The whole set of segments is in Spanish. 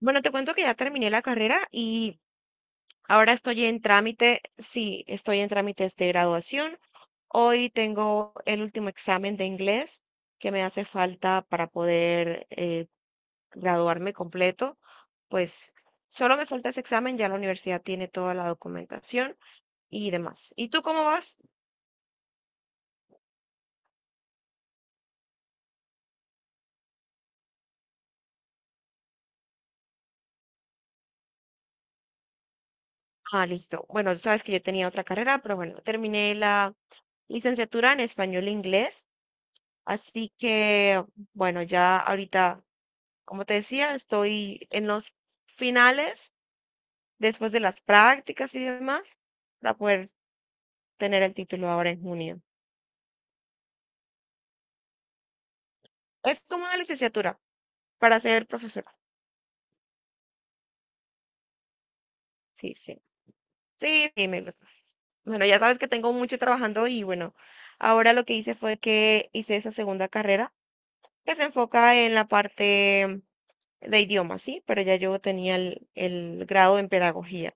Bueno, te cuento que ya terminé la carrera y ahora estoy en trámite, sí, estoy en trámites de graduación. Hoy tengo el último examen de inglés que me hace falta para poder graduarme completo. Pues solo me falta ese examen, ya la universidad tiene toda la documentación y demás. ¿Y tú cómo vas? Ah, listo. Bueno, sabes que yo tenía otra carrera, pero bueno, terminé la licenciatura en español e inglés. Así que, bueno, ya ahorita como te decía, estoy en los finales, después de las prácticas y demás, para poder tener el título ahora en junio. Es como una licenciatura para ser profesora. Sí, sí. Sí, sí, me gusta. Bueno, ya sabes que tengo mucho trabajando y bueno, ahora lo que hice fue que hice esa segunda carrera que se enfoca en la parte de idiomas, sí, pero ya yo tenía el grado en pedagogía,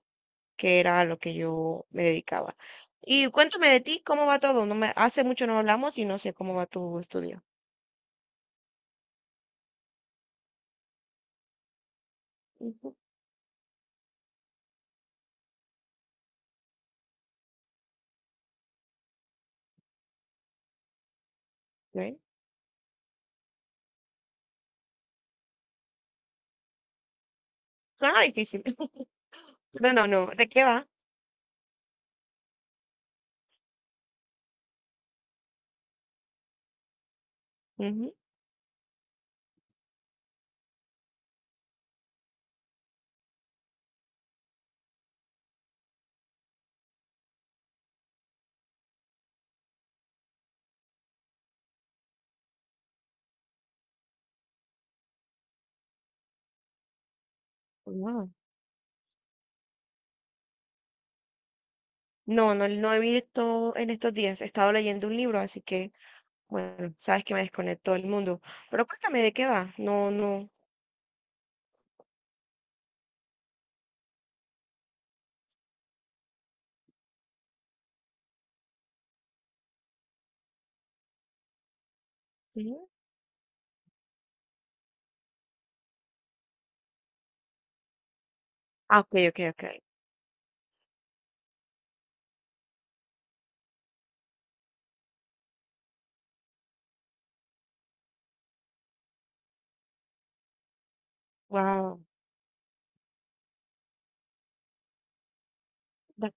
que era a lo que yo me dedicaba. Y cuéntame de ti, ¿cómo va todo? No me, hace mucho no hablamos y no sé cómo va tu estudio. Ujú. Bueno, suena difícil. No, no, no. ¿De qué va? Ujú. Ah, no, no, no he visto en estos días. He estado leyendo un libro, así que, bueno, sabes que me desconecto del mundo. Pero cuéntame de qué va. No, no. Ujú. Ah, ok, ok, ok. Wow.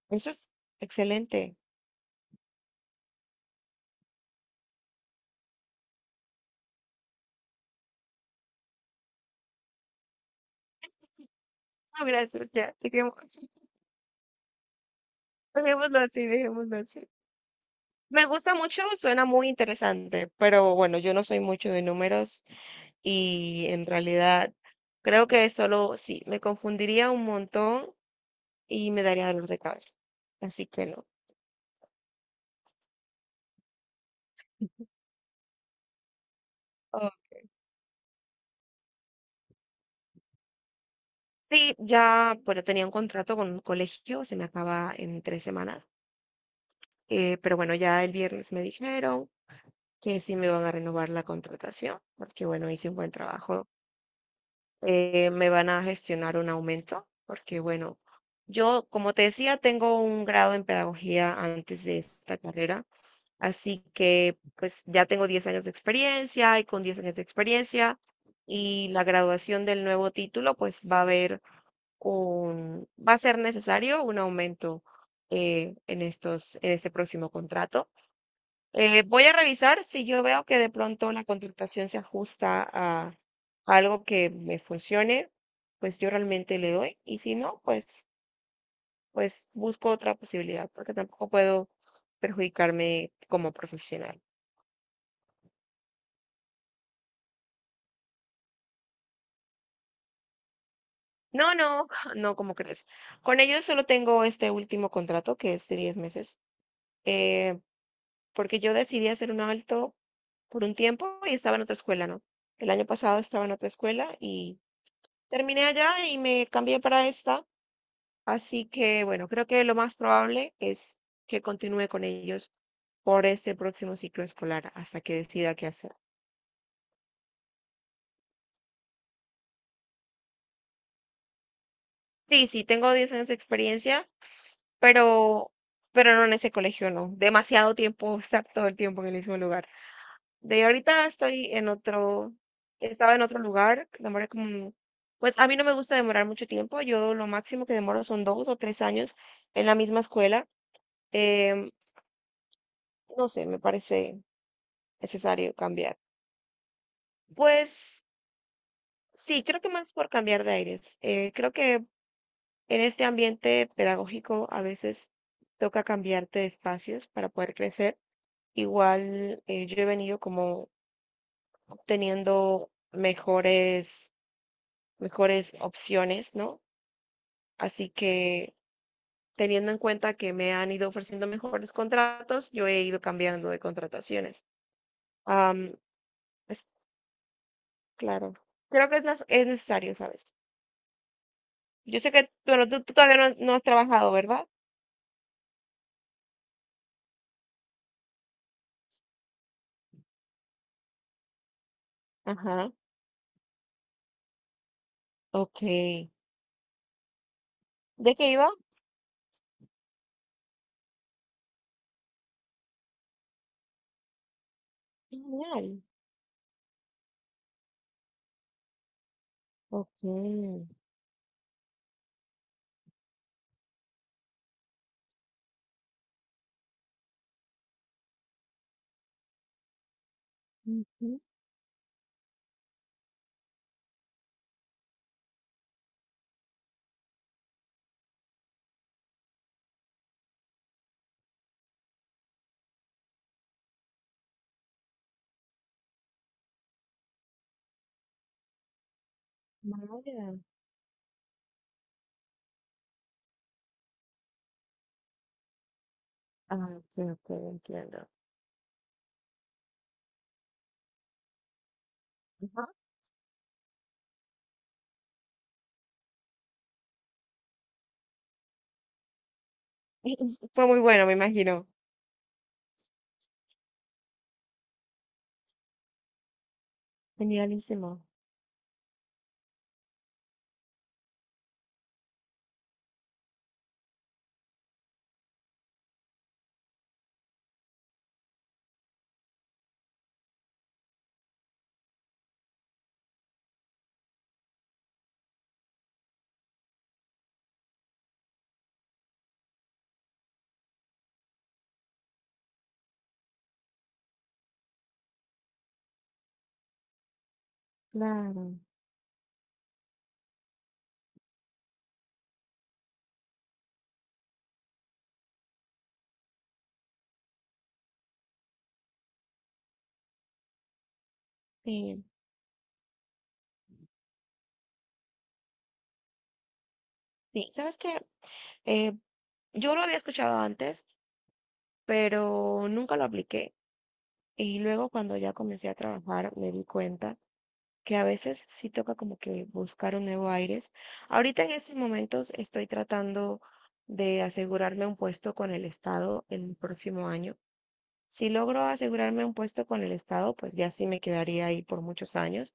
Eso es excelente. No, gracias, ya. Dejemos- Dejémoslo así, dejémoslo así. Me gusta mucho, suena muy interesante, pero bueno, yo no soy mucho de números y en realidad creo que solo, sí, me confundiría un montón y me daría dolor de cabeza. Así que no. Ah, sí, ya, bueno, tenía un contrato con un colegio, se me acaba en 3 semanas, pero bueno, ya el viernes me dijeron que sí me van a renovar la contratación, porque bueno, hice un buen trabajo, me van a gestionar un aumento, porque bueno, yo, como te decía, tengo un grado en pedagogía antes de esta carrera, así que pues ya tengo 10 años de experiencia y con 10 años de experiencia y la graduación del nuevo título, pues va a haber va a ser necesario un aumento en en este próximo contrato. Voy a revisar si yo veo que de pronto la contratación se ajusta a algo que me funcione, pues yo realmente le doy y si no, pues busco otra posibilidad porque tampoco puedo perjudicarme como profesional. No, no, no, como crees? Con ellos solo tengo este último contrato que es de 10 meses, eh, porque yo decidí hacer un alto por un tiempo y estaba en otra escuela, ¿no? El año pasado estaba en otra escuela y terminé allá y me cambié para esta. Así que, bueno, creo que lo más probable es que continúe con ellos por este próximo ciclo escolar hasta que decida qué hacer. Sí, sí, tengo 10 años de experiencia, pero, pero no en ese colegio, no. Demasiado tiempo estar todo el tiempo en el mismo lugar. De ahorita estoy en otro, estaba en otro lugar, demoré como, pues a mí no me gusta demorar mucho tiempo, yo lo máximo que demoro son 2 o 3 años en la misma escuela. Em, no sé, me parece necesario cambiar. Pues sí, creo que más por cambiar de aires. Creo que en este ambiente pedagógico a veces toca cambiarte de espacios para poder crecer. Igual yo he venido como obteniendo mejores opciones, ¿no? Así que teniendo en cuenta que me han ido ofreciendo mejores contratos, yo he ido cambiando de contrataciones. Am, es claro, creo que es, nas- es necesario, ¿sabes? Yo sé que, bueno, tú todavía no, has trabajado, ¿verdad? Ajá. Ok. ¿De qué iba? Genial. Ok. Ujú. Vaya. Ah, ok, ok, entiendo. Ajá. Fue muy bueno, me imagino. Genialísimo. Claro. Sí, sí. ¿Sabes qué? Eh, yo lo había escuchado antes, pero nunca lo apliqué. Y luego cuando ya comencé a trabajar me di cuenta que a veces sí toca como que buscar un nuevo aires. Ahorita en estos momentos estoy tratando de asegurarme un puesto con el Estado el próximo año. Si logro asegurarme un puesto con el Estado, pues ya sí me quedaría ahí por muchos años,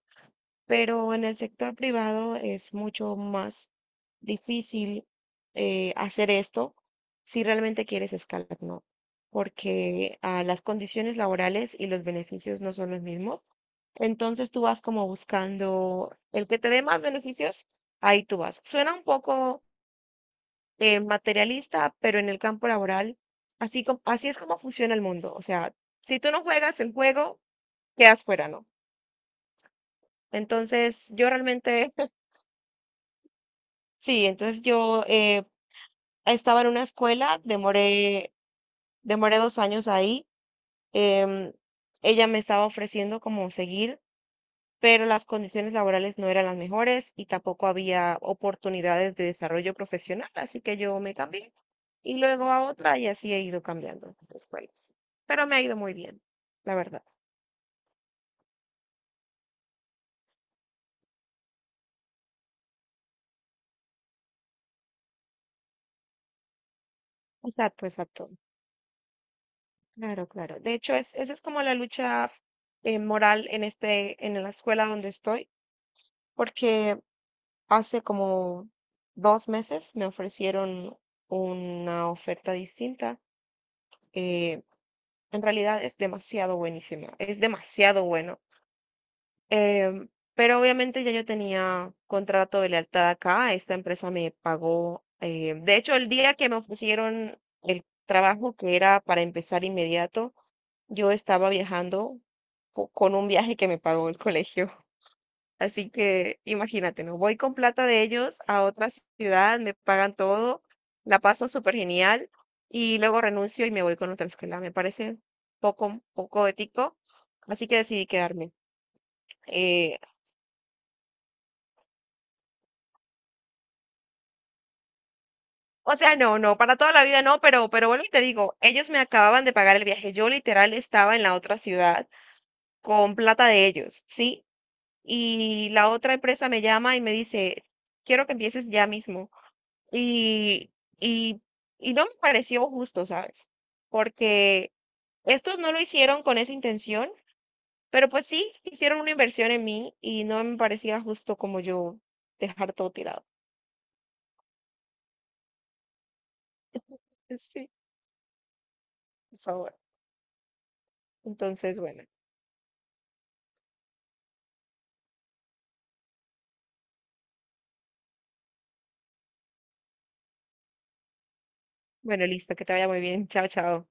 pero en el sector privado es mucho más difícil hacer esto si realmente quieres escalar, ¿no? Porque las condiciones laborales y los beneficios no son los mismos. Entonces tú vas como buscando el que te dé más beneficios, ahí tú vas. Suena un poco materialista, pero en el campo laboral, así, co- así es como funciona el mundo. O sea, si tú no juegas el juego, quedas fuera, ¿no? Entonces yo realmente, sí, entonces yo estaba en una escuela, demoré 2 años ahí. em, Ella me estaba ofreciendo como seguir, pero las condiciones laborales no eran las mejores y tampoco había oportunidades de desarrollo profesional, así que yo me cambié y luego a otra y así he ido cambiando de escuelas. Pero me ha ido muy bien, la verdad. Exacto, exacto. Claro, claro. De hecho, esa es como la lucha moral en en la escuela donde estoy, porque hace como 2 meses me ofrecieron una oferta distinta. eh, En realidad es demasiado buenísima, es demasiado bueno. Pero obviamente ya yo tenía contrato de lealtad acá, esta empresa me pagó. Eh, de hecho, el día que me ofrecieron el trabajo que era para empezar inmediato, yo estaba viajando con un viaje que me pagó el colegio. Así que imagínate, ¿no? Voy con plata de ellos a otra ciudad, me pagan todo, la paso súper genial y luego renuncio y me voy con otra escuela. Me parece poco ético, así que decidí quedarme. Eh, o sea, no, no, para toda la vida no, pero vuelvo y te digo, ellos me acababan de pagar el viaje. Yo literal estaba en la otra ciudad con plata de ellos, ¿sí? Y la otra empresa me llama y me dice, quiero que empieces ya mismo. Y, y, y no me pareció justo, ¿sabes? Porque estos no lo hicieron con esa intención, pero pues sí, hicieron una inversión en mí y no me parecía justo como yo dejar todo tirado. Sí, por favor. Entonces, bueno, bueno, listo, que te vaya muy bien. Chao, chao.